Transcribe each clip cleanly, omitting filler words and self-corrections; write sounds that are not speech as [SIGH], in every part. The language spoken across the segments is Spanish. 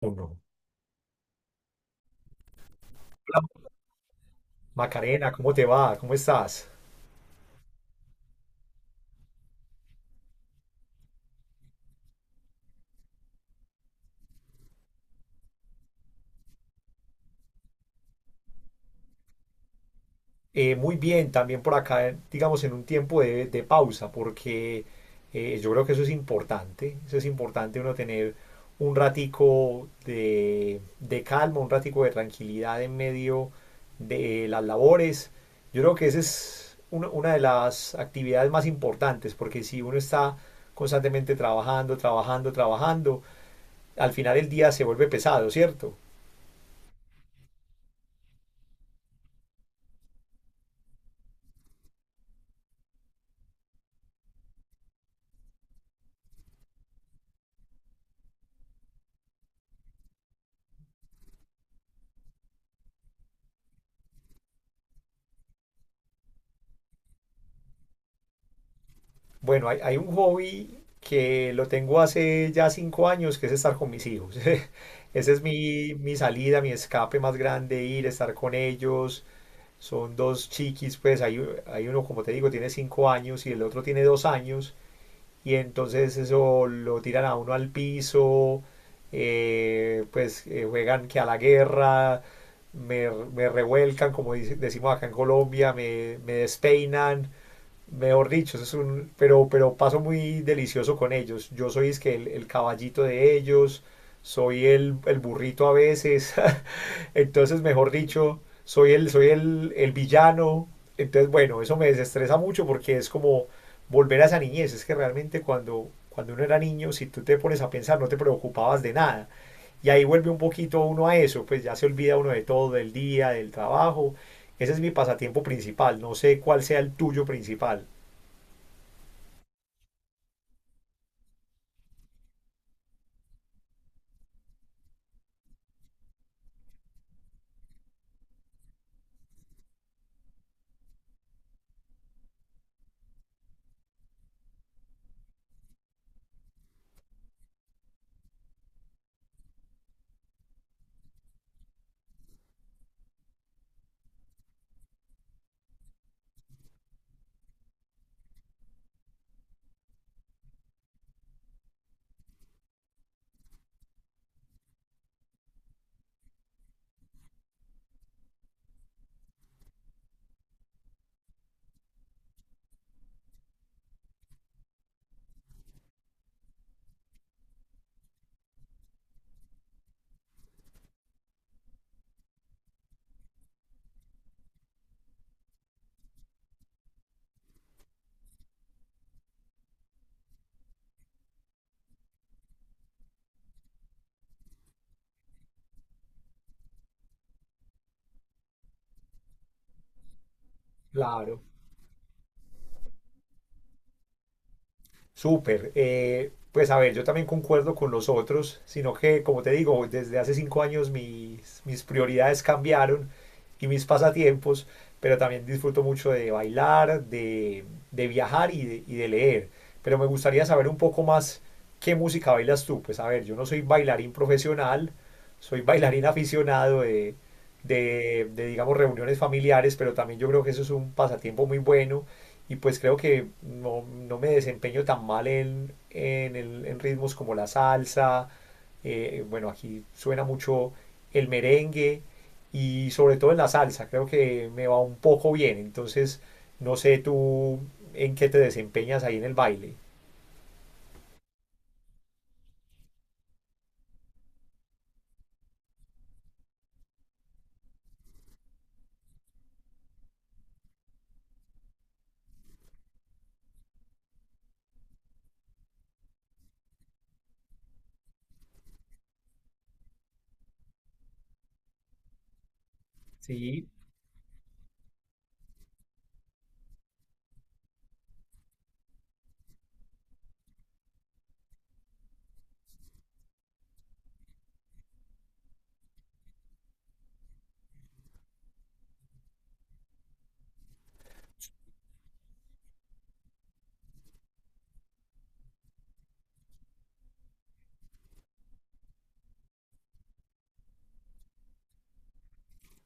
Uno. Hola, Macarena, ¿cómo te va? ¿Cómo estás? Muy bien, también por acá, digamos, en un tiempo de pausa, porque yo creo que eso es importante uno tener un ratico de calma, un ratico de tranquilidad en medio de las labores. Yo creo que esa es una de las actividades más importantes, porque si uno está constantemente trabajando, trabajando, trabajando, al final el día se vuelve pesado, ¿cierto? Bueno, hay un hobby que lo tengo hace ya cinco años, que es estar con mis hijos. [LAUGHS] Esa es mi salida, mi escape más grande, ir, estar con ellos. Son dos chiquis, pues hay uno, como te digo, tiene cinco años y el otro tiene dos años. Y entonces eso lo tiran a uno al piso, juegan que a la guerra, me revuelcan, como decimos acá en Colombia, me despeinan. Mejor dicho, eso es un, pero paso muy delicioso con ellos. Yo soy es que el caballito de ellos, soy el burrito a veces. [LAUGHS] Entonces, mejor dicho, soy el villano. Entonces, bueno, eso me desestresa mucho porque es como volver a esa niñez. Es que realmente cuando uno era niño, si tú te pones a pensar, no te preocupabas de nada. Y ahí vuelve un poquito uno a eso, pues ya se olvida uno de todo, del día, del trabajo. Ese es mi pasatiempo principal. No sé cuál sea el tuyo principal. Claro, súper. Pues a ver, yo también concuerdo con los otros, sino que, como te digo, desde hace cinco años mis prioridades cambiaron y mis pasatiempos, pero también disfruto mucho de bailar, de viajar y de leer. Pero me gustaría saber un poco más qué música bailas tú. Pues a ver, yo no soy bailarín profesional, soy bailarín aficionado de, digamos, reuniones familiares, pero también yo creo que eso es un pasatiempo muy bueno y pues creo que no, no me desempeño tan mal en ritmos como la salsa, bueno, aquí suena mucho el merengue y sobre todo en la salsa, creo que me va un poco bien, entonces no sé tú en qué te desempeñas ahí en el baile. Sí,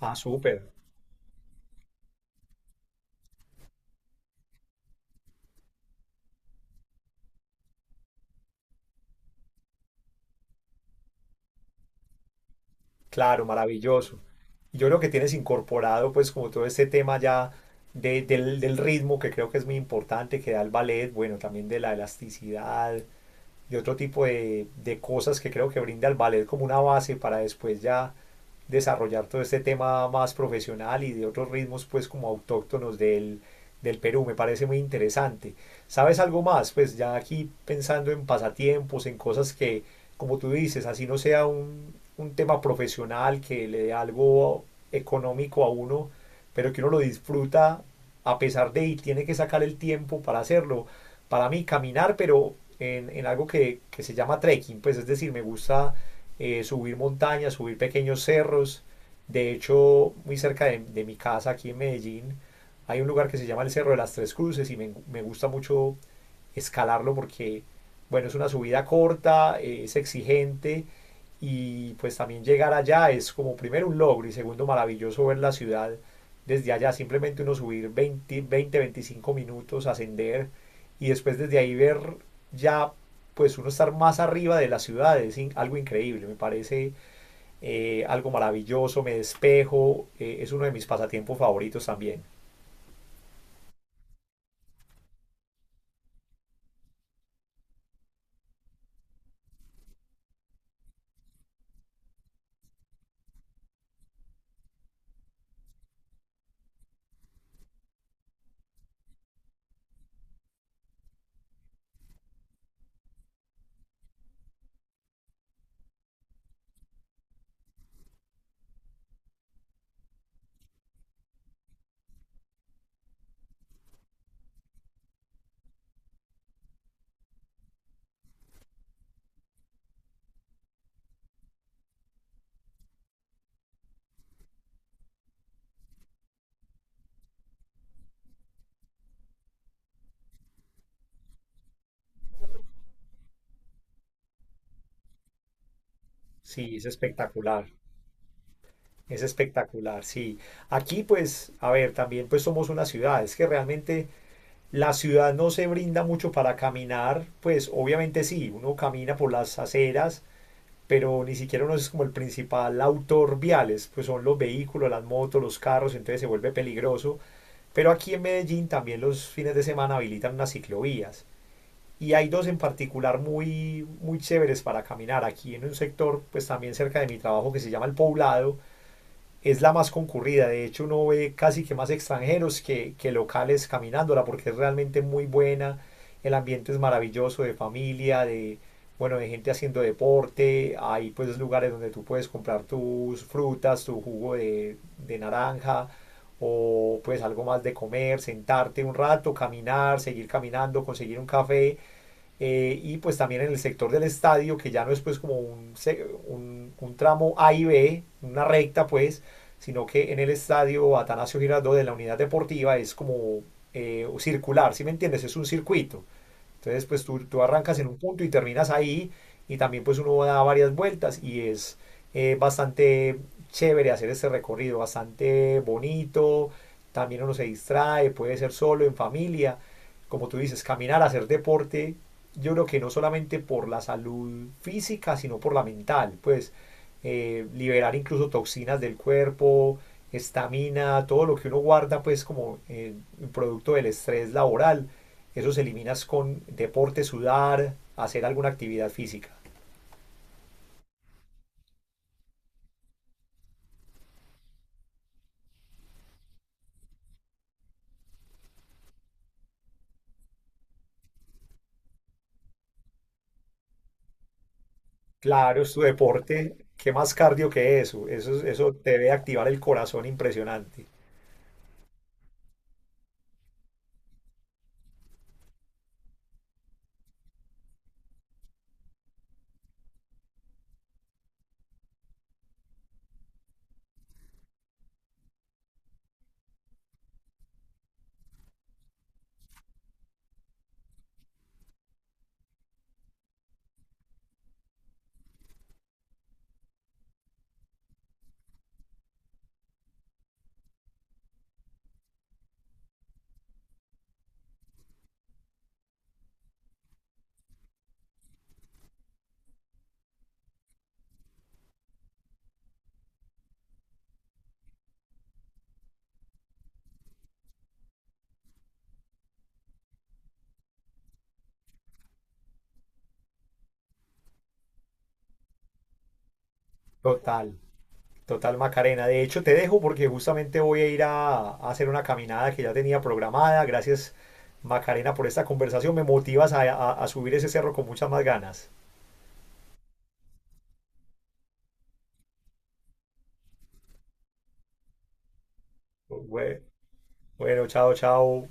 ah, súper, claro, maravilloso. Yo creo que tienes incorporado pues como todo este tema ya del ritmo que creo que es muy importante, que da el ballet, bueno, también de la elasticidad, y otro tipo de cosas que creo que brinda el ballet como una base para después ya desarrollar todo este tema más profesional y de otros ritmos pues como autóctonos del Perú. Me parece muy interesante. ¿Sabes algo más? Pues ya aquí pensando en pasatiempos, en cosas que, como tú dices, así no sea un tema profesional que le dé algo económico a uno, pero que uno lo disfruta a pesar de y tiene que sacar el tiempo para hacerlo. Para mí caminar, pero en algo que se llama trekking, pues es decir, me gusta subir montañas, subir pequeños cerros. De hecho, muy cerca de mi casa, aquí en Medellín, hay un lugar que se llama el Cerro de las Tres Cruces y me gusta mucho escalarlo porque, bueno, es una subida corta, es exigente y pues también llegar allá es como primero un logro y segundo maravilloso ver la ciudad desde allá, simplemente uno subir 20, 20 25 minutos, ascender y después desde ahí ver ya pues uno estar más arriba de la ciudad es in- algo increíble, me parece algo maravilloso, me despejo, es uno de mis pasatiempos favoritos también. Sí, es espectacular, sí. Aquí pues, a ver, también pues somos una ciudad, es que realmente la ciudad no se brinda mucho para caminar, pues obviamente sí, uno camina por las aceras, pero ni siquiera uno es como el principal autor viales, pues son los vehículos, las motos, los carros, entonces se vuelve peligroso. Pero aquí en Medellín también los fines de semana habilitan unas ciclovías y hay dos en particular muy, muy chéveres para caminar. Aquí en un sector, pues también cerca de mi trabajo que se llama El Poblado, es la más concurrida. De hecho, uno ve casi que más extranjeros que locales caminándola porque es realmente muy buena. El ambiente es maravilloso de familia, de, bueno, de gente haciendo deporte. Hay pues lugares donde tú puedes comprar tus frutas, tu jugo de naranja o pues algo más de comer, sentarte un rato, caminar, seguir caminando, conseguir un café y pues también en el sector del estadio, que ya no es pues como un tramo A y B, una recta pues, sino que en el estadio Atanasio Girardot de la unidad deportiva es como circular, ¿sí me entiendes? Es un circuito. Entonces, pues tú arrancas en un punto y terminas ahí y también pues uno da varias vueltas y es bastante chévere hacer este recorrido, bastante bonito, también uno se distrae, puede ser solo, en familia, como tú dices, caminar, hacer deporte, yo creo que no solamente por la salud física, sino por la mental, pues liberar incluso toxinas del cuerpo, estamina, todo lo que uno guarda pues como producto del estrés laboral esos eliminas con deporte, sudar, hacer alguna actividad física. Claro, es tu deporte. ¿Qué más cardio que eso? Eso te debe activar el corazón impresionante. Total, total Macarena. De hecho, te dejo porque justamente voy a ir a hacer una caminada que ya tenía programada. Gracias, Macarena, por esta conversación. Me motivas a, a subir ese cerro con muchas más ganas. Bue- Bueno, chao, chao.